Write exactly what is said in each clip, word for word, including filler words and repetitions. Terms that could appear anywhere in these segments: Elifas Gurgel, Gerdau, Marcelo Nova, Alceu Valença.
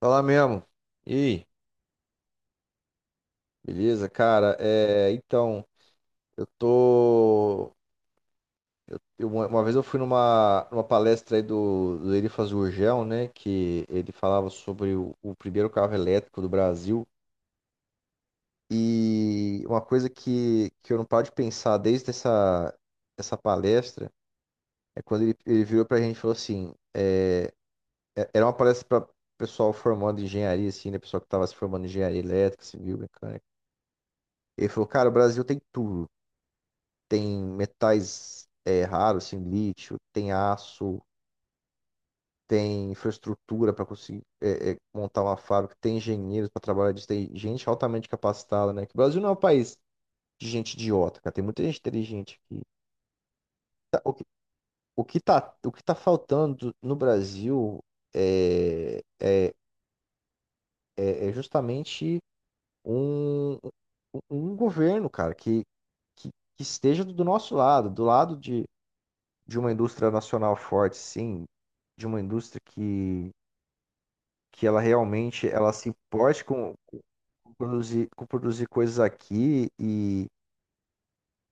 Fala mesmo. E aí, beleza, cara? É, então, eu tô. eu- uma uma vez eu fui numa, numa palestra aí do, do Elifas Gurgel, né? Que ele falava sobre o, o primeiro carro elétrico do Brasil. E uma coisa que, que eu não paro de pensar desde essa, essa palestra é quando ele, ele virou pra gente e falou assim: é, é- era uma palestra pra pessoal formando engenharia, assim, né? Pessoal que tava se formando em engenharia elétrica, civil, mecânica. Ele falou, cara, o Brasil tem tudo. Tem metais é, raros, assim, lítio, tem aço, tem infraestrutura para conseguir é, é, montar uma fábrica, tem engenheiros para trabalhar disso, tem gente altamente capacitada, né? Que o Brasil não é um país de gente idiota, cara. Tem muita gente inteligente aqui. Tá- O que, o que tá, o que tá faltando no Brasil é, é, é é justamente um, um um governo, cara, que, que, que esteja do nosso lado, do lado de de uma indústria nacional forte, sim, de uma indústria que, que ela realmente ela se importe com, com produzir, com produzir coisas aqui e,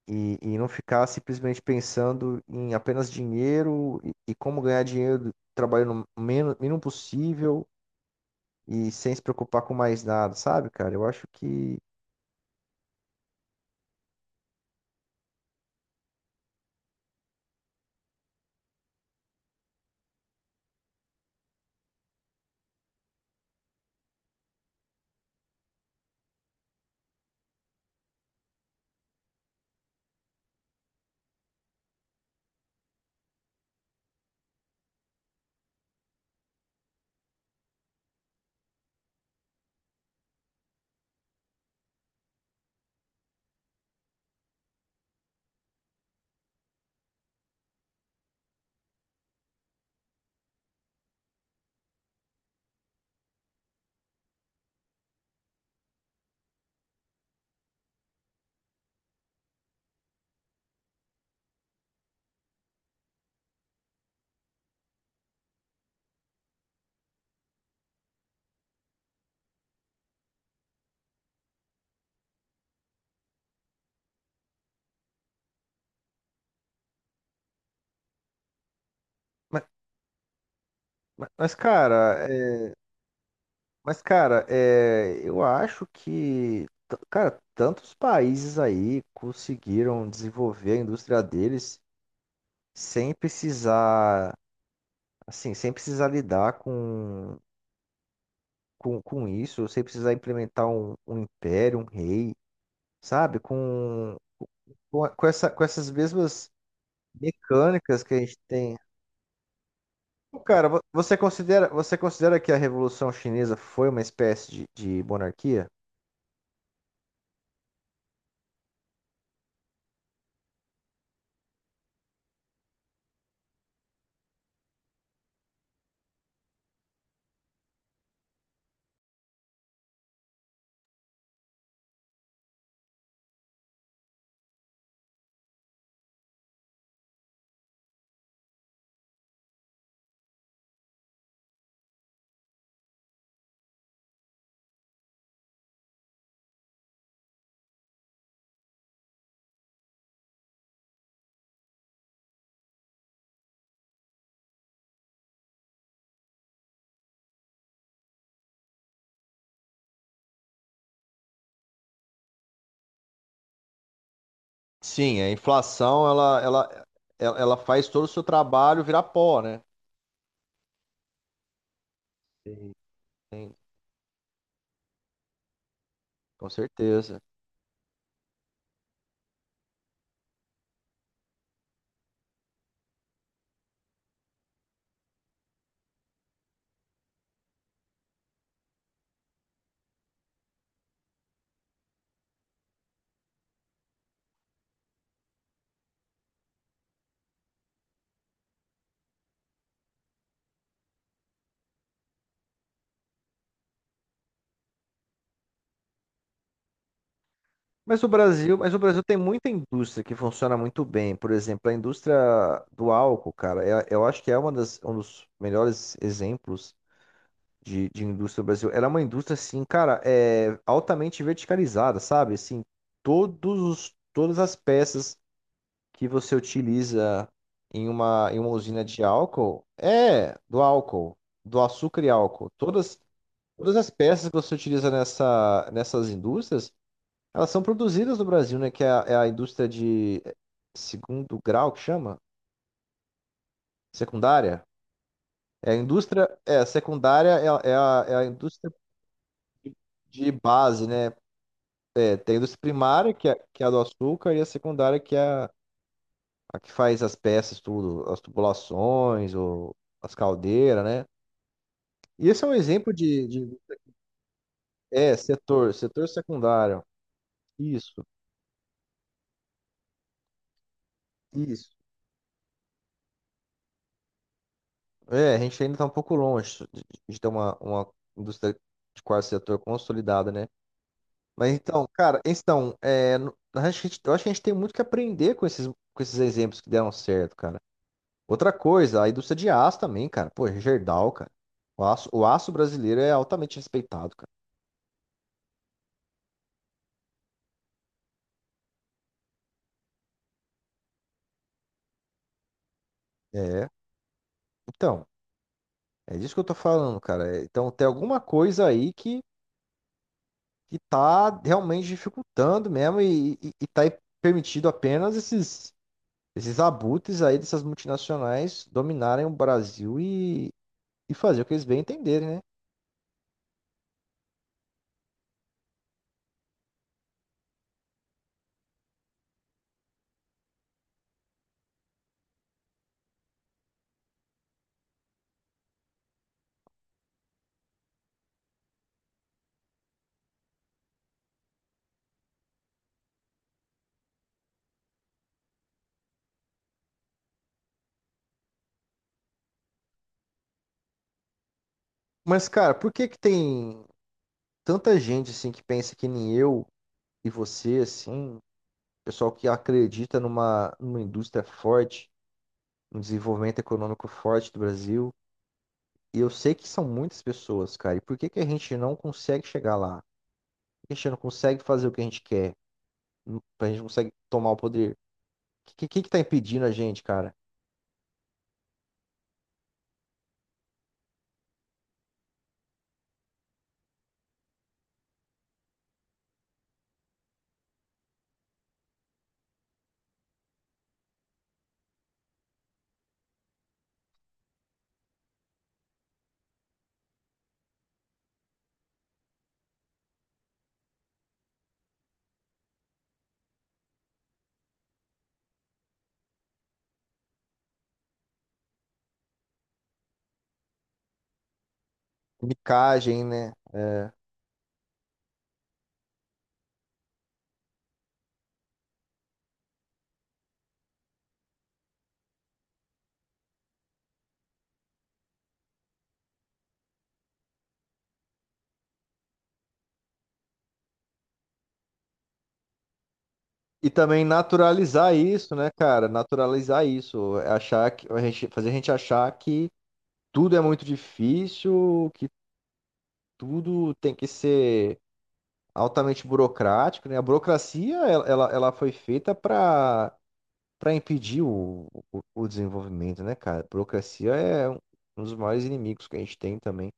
e, e não ficar simplesmente pensando em apenas dinheiro e, e como ganhar dinheiro trabalhando o menos, mínimo possível e sem se preocupar com mais nada, sabe, cara? Eu acho que. Mas, mas, mas, cara, é, Mas, cara, é, eu acho que, t- cara, tantos países aí conseguiram desenvolver a indústria deles sem precisar, assim, sem precisar lidar com, com, com isso, sem precisar implementar um, um império, um rei, sabe? Com, com, a- com essa, com essas mesmas mecânicas que a gente tem. Pô, cara, vo- você considera, você considera que a Revolução Chinesa foi uma espécie de de monarquia? Sim, a inflação ela, ela, ela ela faz todo o seu trabalho virar pó, né? Sim. Sim, com certeza. Mas o Brasil, mas o Brasil tem muita indústria que funciona muito bem. Por exemplo, a indústria do álcool, cara, é- eu acho que é uma das, um dos melhores exemplos de, de indústria do Brasil. Ela é uma indústria, assim, cara, é altamente verticalizada, sabe? Assim, todos os, todas as peças que você utiliza em uma, em uma usina de álcool é do álcool, do açúcar e álcool. Todas, todas as peças que você utiliza nessa, nessas indústrias, elas são produzidas no Brasil, né? Que é a, é a indústria de é, segundo grau que chama? Secundária? É a indústria, é, a secundária é, a, é a é a indústria de base, né? É, tem a indústria primária, que é, que é a do açúcar, e a secundária, que é a, a que faz as peças, tudo, as tubulações, ou as caldeiras, né? E esse é um exemplo de, de- é, setor, setor secundário. Isso, isso. É, a gente ainda está um pouco longe de, de ter uma, uma indústria de quarto setor consolidada, né? Mas então, cara, então, é, no- a gente, eu acho que a gente tem muito que aprender com esses, com esses exemplos que deram certo, cara. Outra coisa, a indústria de aço também, cara. Pô, Gerdau, cara. O aço, o aço brasileiro é altamente respeitado, cara. É, então, é disso que eu tô falando, cara. É, então, tem alguma coisa aí que que tá realmente dificultando mesmo e, e, e tá permitido apenas esses, esses abutres aí dessas multinacionais dominarem o Brasil e, e fazer o que eles bem entenderem, né? Mas, cara, por que que tem tanta gente, assim, que pensa que nem eu e você, assim, pessoal que acredita numa, numa indústria forte, num desenvolvimento econômico forte do Brasil? E eu sei que são muitas pessoas, cara. E por que que a gente não consegue chegar lá? Por que a gente não consegue fazer o que a gente quer? Pra gente conseguir tomar o poder. O que, que que tá impedindo a gente, cara? Micagem, né? É. E também naturalizar isso, né, cara? Naturalizar isso. É. Achar que, a gente, fazer a gente achar que tudo é muito difícil, que tudo tem que ser altamente burocrático, né? A burocracia, ela, ela, ela foi feita para para impedir o, o, o desenvolvimento, né, cara? A burocracia é um um dos maiores inimigos que a gente tem também.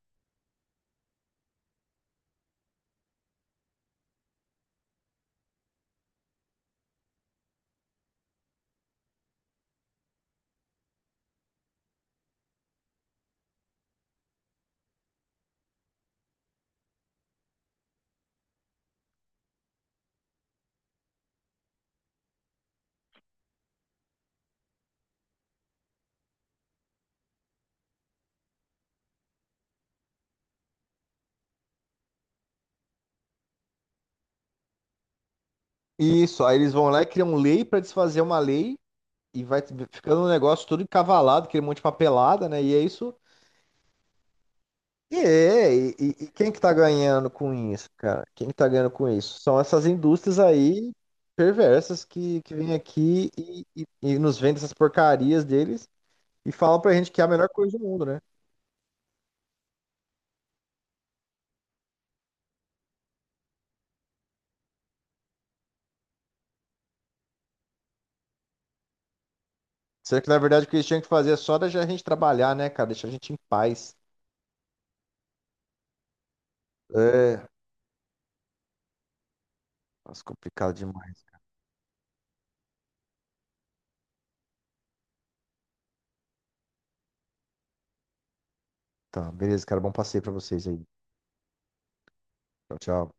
Isso, aí eles vão lá e criam um lei para desfazer uma lei e vai ficando um negócio todo encavalado, aquele monte de papelada, né? E é isso. E, é, e, e- e quem que tá ganhando com isso, cara? Quem que tá ganhando com isso? São essas indústrias aí perversas que, que vêm aqui e, e- e nos vendem essas porcarias deles e falam pra gente que é a melhor coisa do mundo, né? Será que na verdade o que eles tinham que fazer é só deixar a gente trabalhar, né, cara? Deixar a gente em paz. É, nossa, complicado demais. Tá, beleza, cara. Bom passeio pra vocês aí. Tchau, tchau.